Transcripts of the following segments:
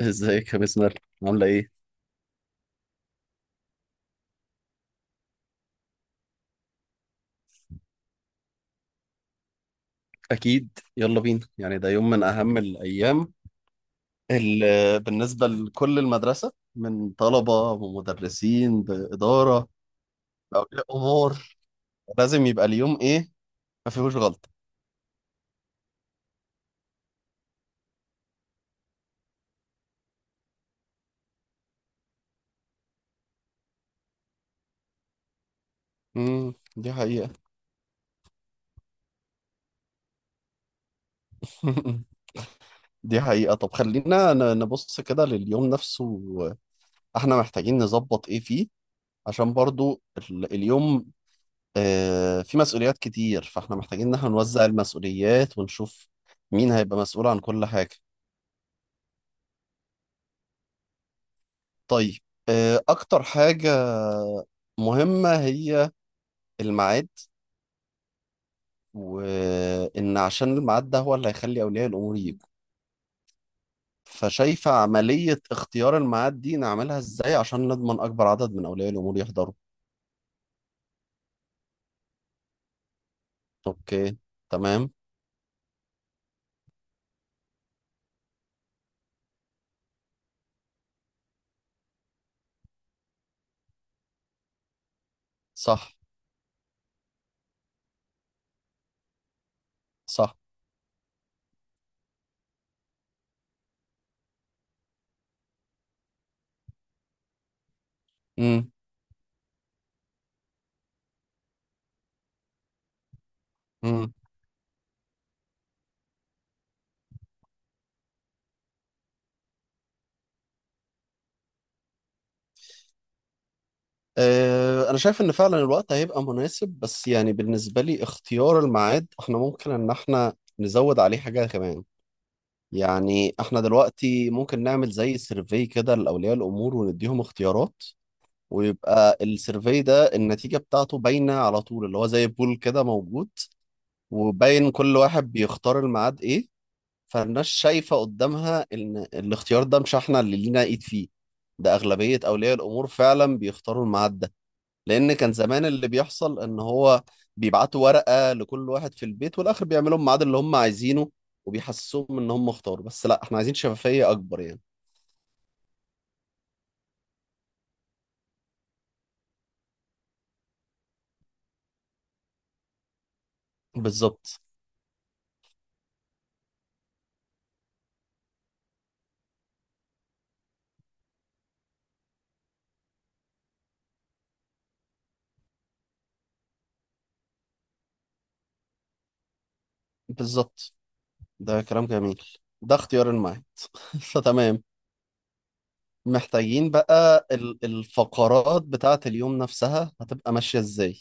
ازيك يا بسمة، عاملة ايه؟ أكيد. يلا بينا، يعني ده يوم من أهم الأيام اللي بالنسبة لكل المدرسة من طلبة ومدرسين بإدارة بأولياء أمور. لازم يبقى اليوم ايه؟ ما فيهوش غلطة. دي حقيقة. دي حقيقة. طب خلينا نبص كده لليوم نفسه. احنا محتاجين نظبط ايه فيه، عشان برضو اليوم في مسؤوليات كتير، فاحنا محتاجين ان احنا نوزع المسؤوليات ونشوف مين هيبقى مسؤول عن كل حاجة. طيب، اكتر حاجة مهمة هي الميعاد، وان عشان الميعاد ده هو اللي هيخلي اولياء الامور يجوا. فشايفة عملية اختيار الميعاد دي نعملها ازاي عشان نضمن اكبر عدد من اولياء الامور يحضروا؟ اوكي. تمام. صح. صح. امم انا شايف ان فعلا الوقت هيبقى مناسب، بس يعني بالنسبه لي اختيار الميعاد احنا ممكن ان احنا نزود عليه حاجه كمان. يعني احنا دلوقتي ممكن نعمل زي سيرفي كده لاولياء الامور، ونديهم اختيارات، ويبقى السيرفي ده النتيجه بتاعته باينه على طول، اللي هو زي بول كده موجود، وباين كل واحد بيختار الميعاد ايه. فالناس شايفه قدامها ان الاختيار ده مش احنا اللي لينا ايد فيه، ده اغلبيه اولياء الامور فعلا بيختاروا الميعاد ده. لان كان زمان اللي بيحصل ان هو بيبعتوا ورقه لكل واحد في البيت، والاخر بيعملوا الميعاد اللي هم عايزينه، وبيحسسوهم ان هم اختاروا، بس لا، احنا عايزين شفافيه اكبر يعني. بالظبط. بالظبط. ده كلام جميل. ده اختيار المعين. فتمام. محتاجين بقى الفقرات بتاعة اليوم نفسها هتبقى ماشية ازاي،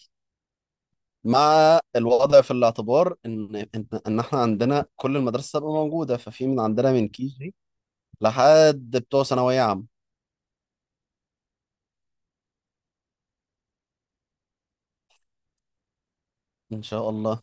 مع الوضع في الاعتبار ان ان إن احنا عندنا كل المدارس تبقى موجودة، ففي من عندنا من كي جي لحد بتوع ثانوية عامة. ان شاء الله.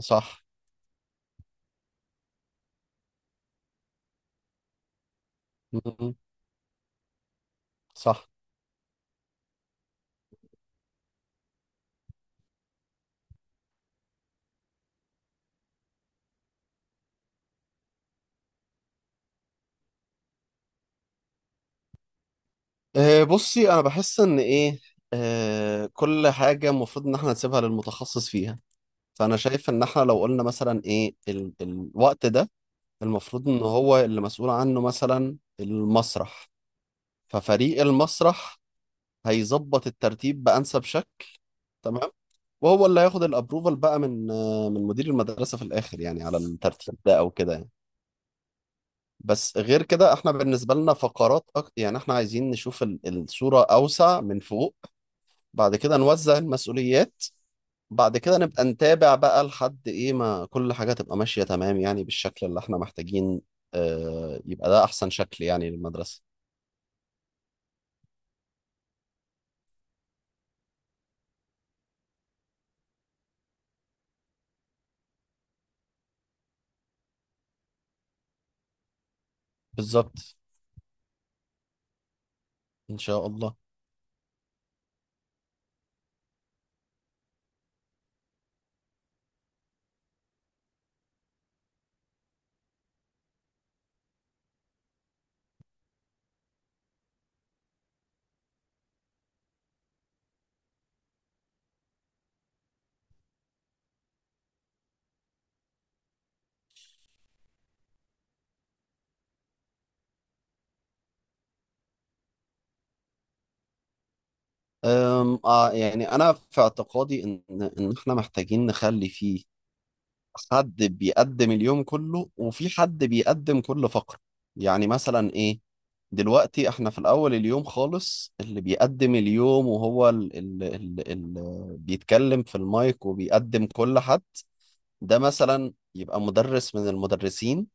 صح. مم. صح. أه بصي، انا بحس ان ايه. أه كل حاجه المفروض ان احنا نسيبها للمتخصص فيها. فانا شايف ان احنا لو قلنا مثلا ايه ال الوقت ده، المفروض ان هو اللي مسؤول عنه مثلا المسرح، ففريق المسرح هيظبط الترتيب بانسب شكل. تمام. وهو اللي هياخد الابروفال بقى من من مدير المدرسه في الاخر يعني، على الترتيب ده او كده يعني. بس غير كده احنا بالنسبة لنا فقرات أكتر، يعني احنا عايزين نشوف الصورة أوسع من فوق. بعد كده نوزع المسؤوليات. بعد كده نبقى نتابع بقى لحد ايه ما كل حاجة تبقى ماشية تمام، يعني بالشكل اللي احنا محتاجين. اه، يبقى ده أحسن شكل يعني للمدرسة. بالظبط. إن شاء الله. يعني أنا في اعتقادي إن احنا محتاجين نخلي فيه حد بيقدم اليوم كله، وفي حد بيقدم كل فقرة. يعني مثلا ايه، دلوقتي احنا في الاول اليوم خالص اللي بيقدم اليوم، وهو اللي بيتكلم في المايك وبيقدم كل حد. ده مثلا يبقى مدرس من المدرسين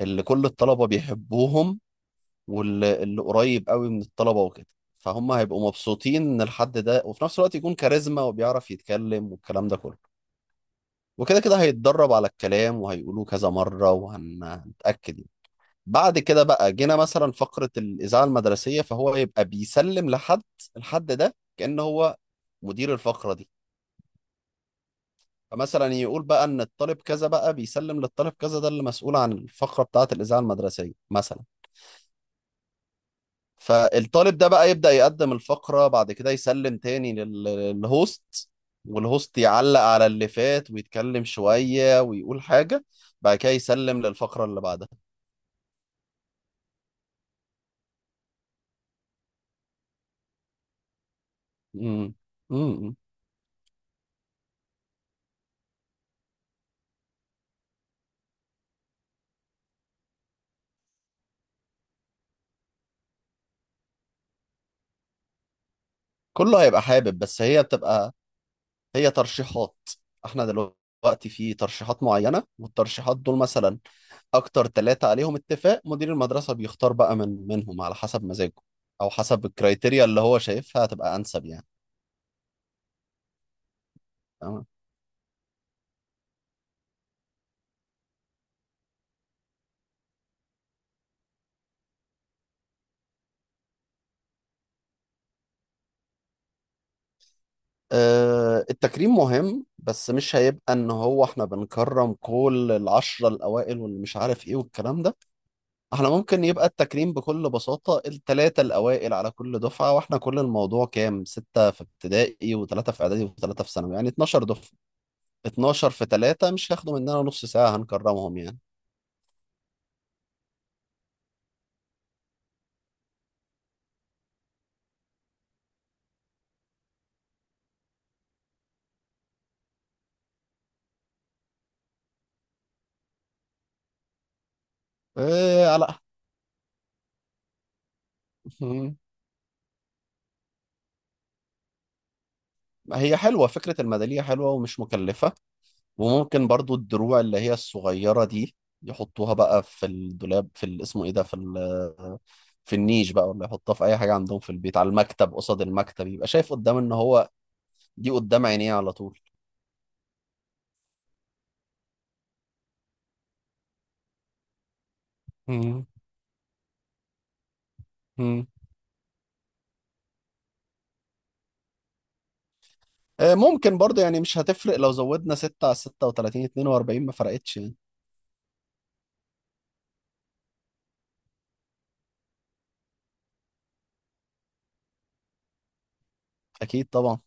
اللي كل الطلبة بيحبوهم، واللي اللي قريب قوي من الطلبة وكده. فهم هيبقوا مبسوطين ان الحد ده، وفي نفس الوقت يكون كاريزما وبيعرف يتكلم والكلام ده كله. وكده كده هيتدرب على الكلام وهيقولوه كذا مرة وهنتأكد يعني. بعد كده بقى جينا مثلا فقرة الإذاعة المدرسية، فهو يبقى بيسلم لحد. الحد ده كأن هو مدير الفقرة دي. فمثلا يقول بقى إن الطالب كذا بقى بيسلم للطالب كذا، ده اللي مسؤول عن الفقرة بتاعة الإذاعة المدرسية مثلا. فالطالب ده بقى يبدأ يقدم الفقرة، بعد كده يسلم تاني للهوست. والهوست يعلق على اللي فات ويتكلم شوية ويقول حاجة. بعد كده يسلم للفقرة اللي بعدها. امم امم كله هيبقى حابب، بس هي بتبقى، هي ترشيحات. احنا دلوقتي في ترشيحات معينة، والترشيحات دول مثلا اكتر 3 عليهم اتفاق، مدير المدرسة بيختار بقى من منهم على حسب مزاجه، او حسب الكرايتيريا اللي هو شايفها هتبقى انسب يعني. تمام. أه التكريم مهم، بس مش هيبقى ان هو احنا بنكرم كل العشرة الاوائل واللي مش عارف ايه والكلام ده. احنا ممكن يبقى التكريم بكل بساطة التلاتة الأوائل على كل دفعة، واحنا كل الموضوع كام؟ 6 في ابتدائي وتلاتة في إعدادي وتلاتة في ثانوي، يعني 12 دفعة. 12 في تلاتة مش هياخدوا مننا نص ساعة، هنكرمهم يعني. إيه على. مم. هي حلوة، فكرة الميدالية حلوة ومش مكلفة. وممكن برضو الدروع اللي هي الصغيرة دي، يحطوها بقى في الدولاب، في اسمه ايه ده، في في النيش بقى، ولا يحطها في اي حاجه عندهم في البيت على المكتب قصاد المكتب، يبقى شايف قدام ان هو دي قدام عينيه على طول. مم. مم. ممكن برضه، يعني مش هتفرق لو زودنا 6 على 36، 42 ما فرقتش يعني. اكيد طبعا.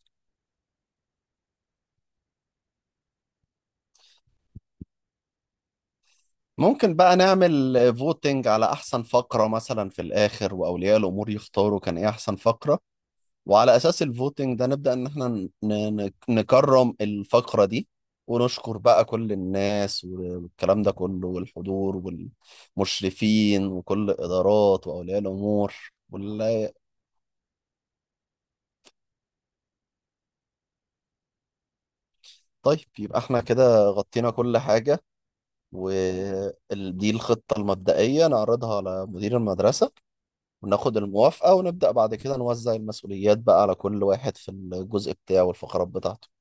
ممكن بقى نعمل فوتنج على احسن فقرة مثلا في الاخر، واولياء الامور يختاروا كان ايه احسن فقرة. وعلى اساس الفوتنج ده نبدأ ان احنا نكرم الفقرة دي، ونشكر بقى كل الناس والكلام ده كله، والحضور والمشرفين وكل الادارات واولياء الامور، وال- طيب يبقى احنا كده غطينا كل حاجة. ودي الخطة المبدئية، نعرضها على مدير المدرسة وناخد الموافقة، ونبدأ بعد كده نوزع المسؤوليات بقى على كل واحد في الجزء بتاعه والفقرات بتاعته.